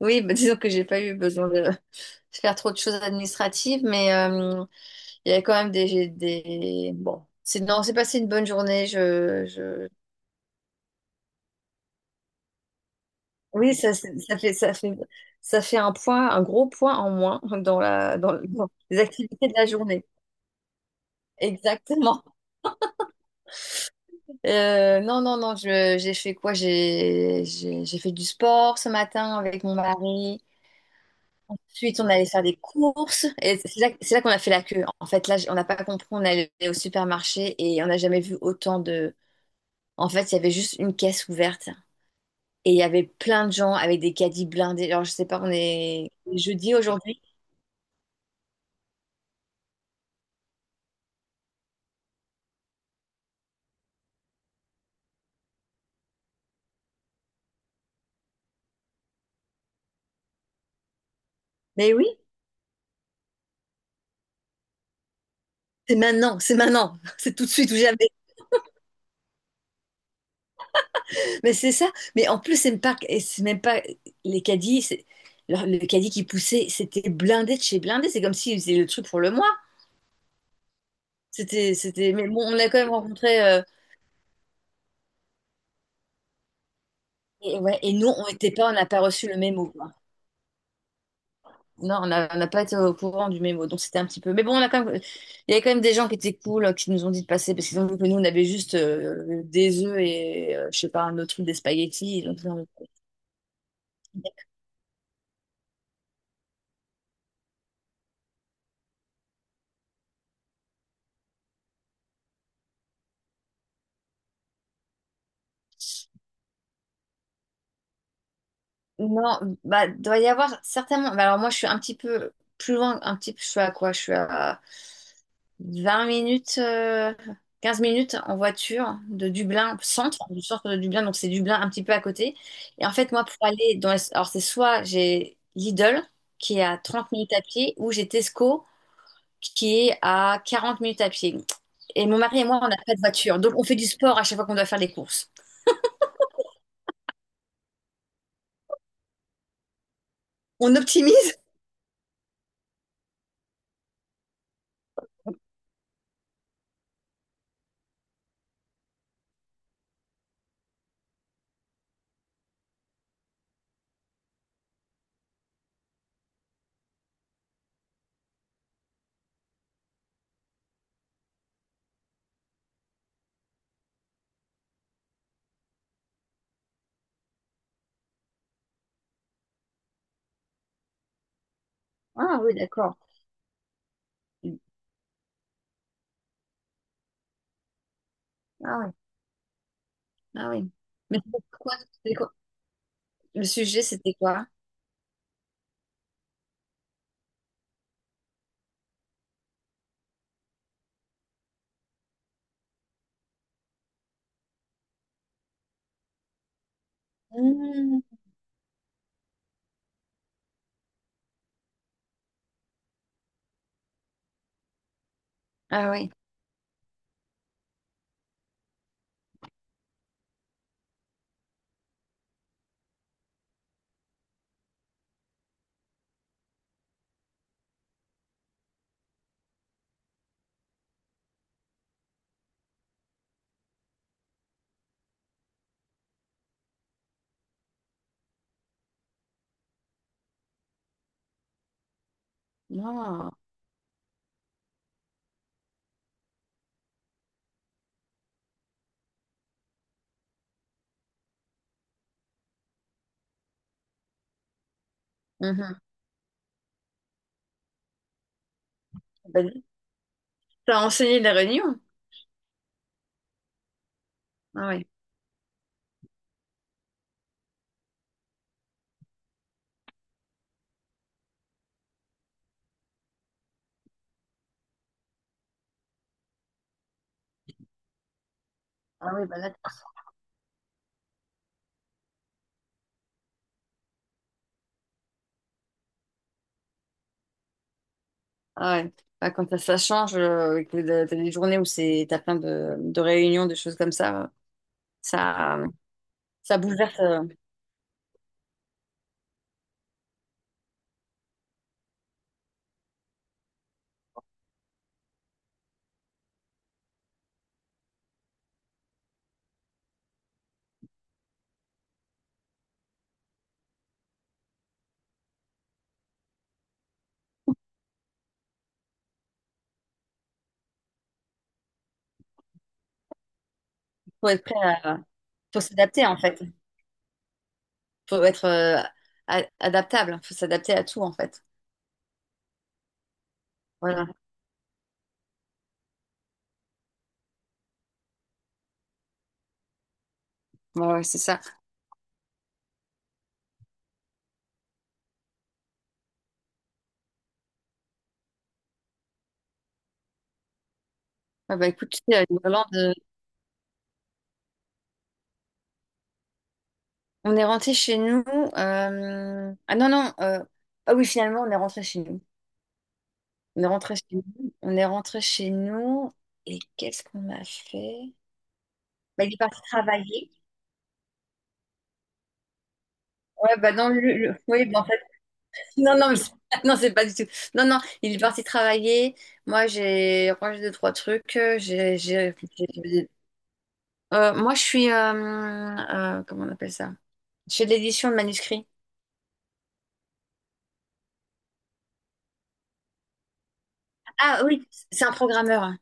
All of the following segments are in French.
Oui, bah, disons que j'ai pas eu besoin de faire trop de choses administratives, mais il y avait quand même des... Bon, c'est non, c'est passé une bonne journée. Je... Oui, ça, ça fait, ça fait, ça fait un point, un gros point en moins dans dans les activités de la journée. Exactement. Non, non, non, j'ai fait quoi? J'ai fait du sport ce matin avec mon mari. Ensuite, on allait faire des courses. Et c'est là qu'on a fait la queue. En fait, là, on n'a pas compris. On allait au supermarché et on n'a jamais vu autant de. En fait, il y avait juste une caisse ouverte et il y avait plein de gens avec des caddies blindés. Alors, je sais pas, on est jeudi aujourd'hui. Mais oui, c'est maintenant, c'est tout de suite ou jamais. Mais c'est ça. Mais en plus, c'est même pas, et c'est même pas les caddies. Le caddie qui poussait, c'était blindé de chez blindé. C'est comme s'ils faisaient le truc pour le mois. C'était. Mais bon, on a quand même rencontré. Et, ouais, et nous, on n'a pas reçu le mémo, quoi. Non, on n'a pas été au courant du mémo, donc c'était un petit peu. Mais bon, on a quand même, il y avait quand même des gens qui étaient cool, qui nous ont dit de passer, parce qu'ils ont vu que nous, on avait juste des œufs et, je sais pas, un autre truc, des spaghettis. Donc, ils non, bah, doit y avoir certainement. Bah, alors moi, je suis un petit peu plus loin, un petit peu, je suis à quoi? Je suis à 20 minutes, 15 minutes en voiture de Dublin, centre, du centre de Dublin, donc c'est Dublin un petit peu à côté. Et en fait, moi, pour aller dans... Alors, c'est soit j'ai Lidl, qui est à 30 minutes à pied, ou j'ai Tesco, qui est à 40 minutes à pied. Et mon mari et moi, on n'a pas de voiture, donc on fait du sport à chaque fois qu'on doit faire des courses. On optimise. Ah oui, d'accord. Ah oui, ah oui. Mais Le sujet, c'était quoi? Mmh. Ah oui. Non. Mhm. T'as enseigné la Réunion? Ah oui. Ah oui, bah là, Ah ouais. Ah, quand ça change, que t'as des journées où c'est, t'as plein de réunions, de choses comme ça, ça, ça bouleverse. Faut être prêt à, faut s'adapter en fait. Faut être adaptable. Faut s'adapter à tout en fait. Voilà. Ouais, ouais, c'est ça. Ah bah écoute, tu sais, l'Irlande, on est rentré chez nous. Ah non non. Ah oui, finalement, on est rentré chez nous. On est rentré chez nous. On est rentré chez nous. Et qu'est-ce qu'on a fait? Bah, il est parti travailler. Ouais, bah non, oui, bah, en fait, non, non, mais c'est non, c'est pas du tout. Non, non, il est parti travailler. Moi, j'ai rangé deux, trois trucs. Moi, je suis, comment on appelle ça? Je fais de l'édition de manuscrits. Ah oui, c'est un programmeur. Hein.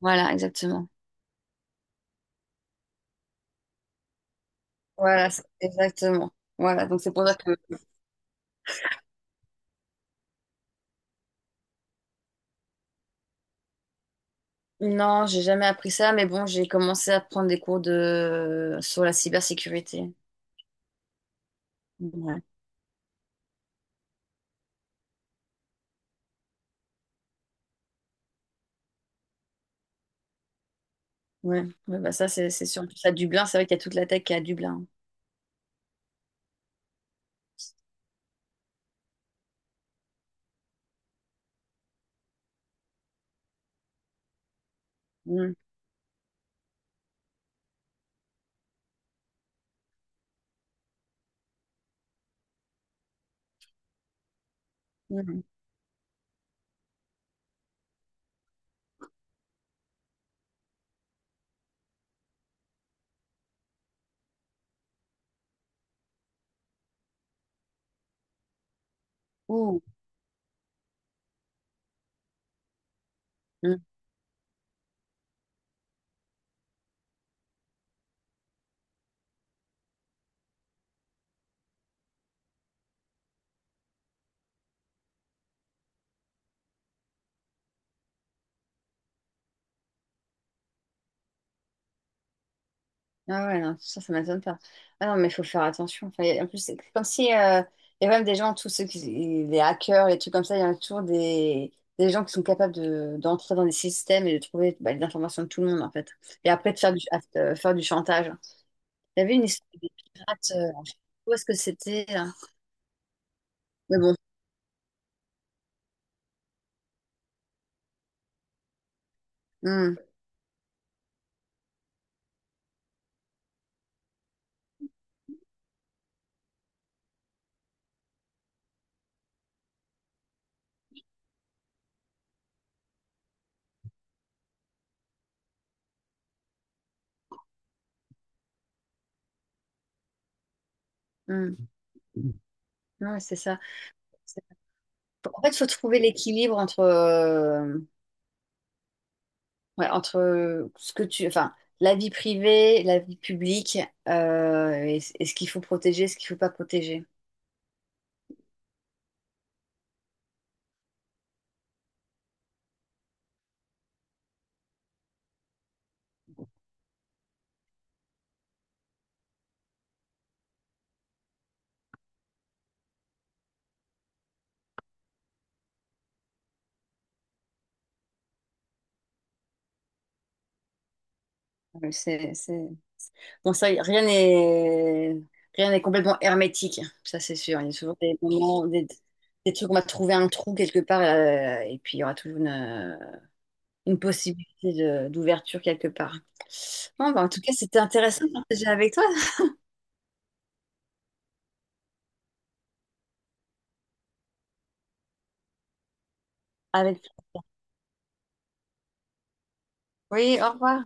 Voilà, exactement. Voilà, exactement. Voilà, donc c'est pour ça que non, j'ai jamais appris ça, mais bon, j'ai commencé à prendre des cours de sur la cybersécurité. Ouais. Ouais, ouais, bah ça, c'est sûr. En plus, à Dublin, c'est vrai qu'il y a toute la tech qui est à Dublin. Mm, mm, ouh, mm. Ah ouais, non, ça m'étonne pas. Ah non, mais il faut faire attention. Enfin, en plus, c'est comme si il y a même des gens, tous ceux qui, les hackers, les trucs comme ça, il y a toujours des gens qui sont capables de, d'entrer dans des systèmes et de trouver bah, les informations de tout le monde, en fait. Et après, de faire faire du chantage. Il y avait une histoire des pirates, où est-ce que c'était, là? Mais bon, mm, mm. Non, c'est ça. C'est- En fait, il faut trouver l'équilibre entre. Ouais, entre ce que tu, enfin, la vie privée, la vie publique, et ce qu'il faut protéger, ce qu'il faut pas protéger. Ouais, c'est... Bon, ça, rien n'est complètement hermétique, ça c'est sûr. Il y a toujours des moments, des trucs, on va trouver un trou quelque part, et puis il y aura toujours une d'ouverture quelque part. Bon, bah, en tout cas, c'était intéressant de partager avec toi. Avec... Oui, au revoir.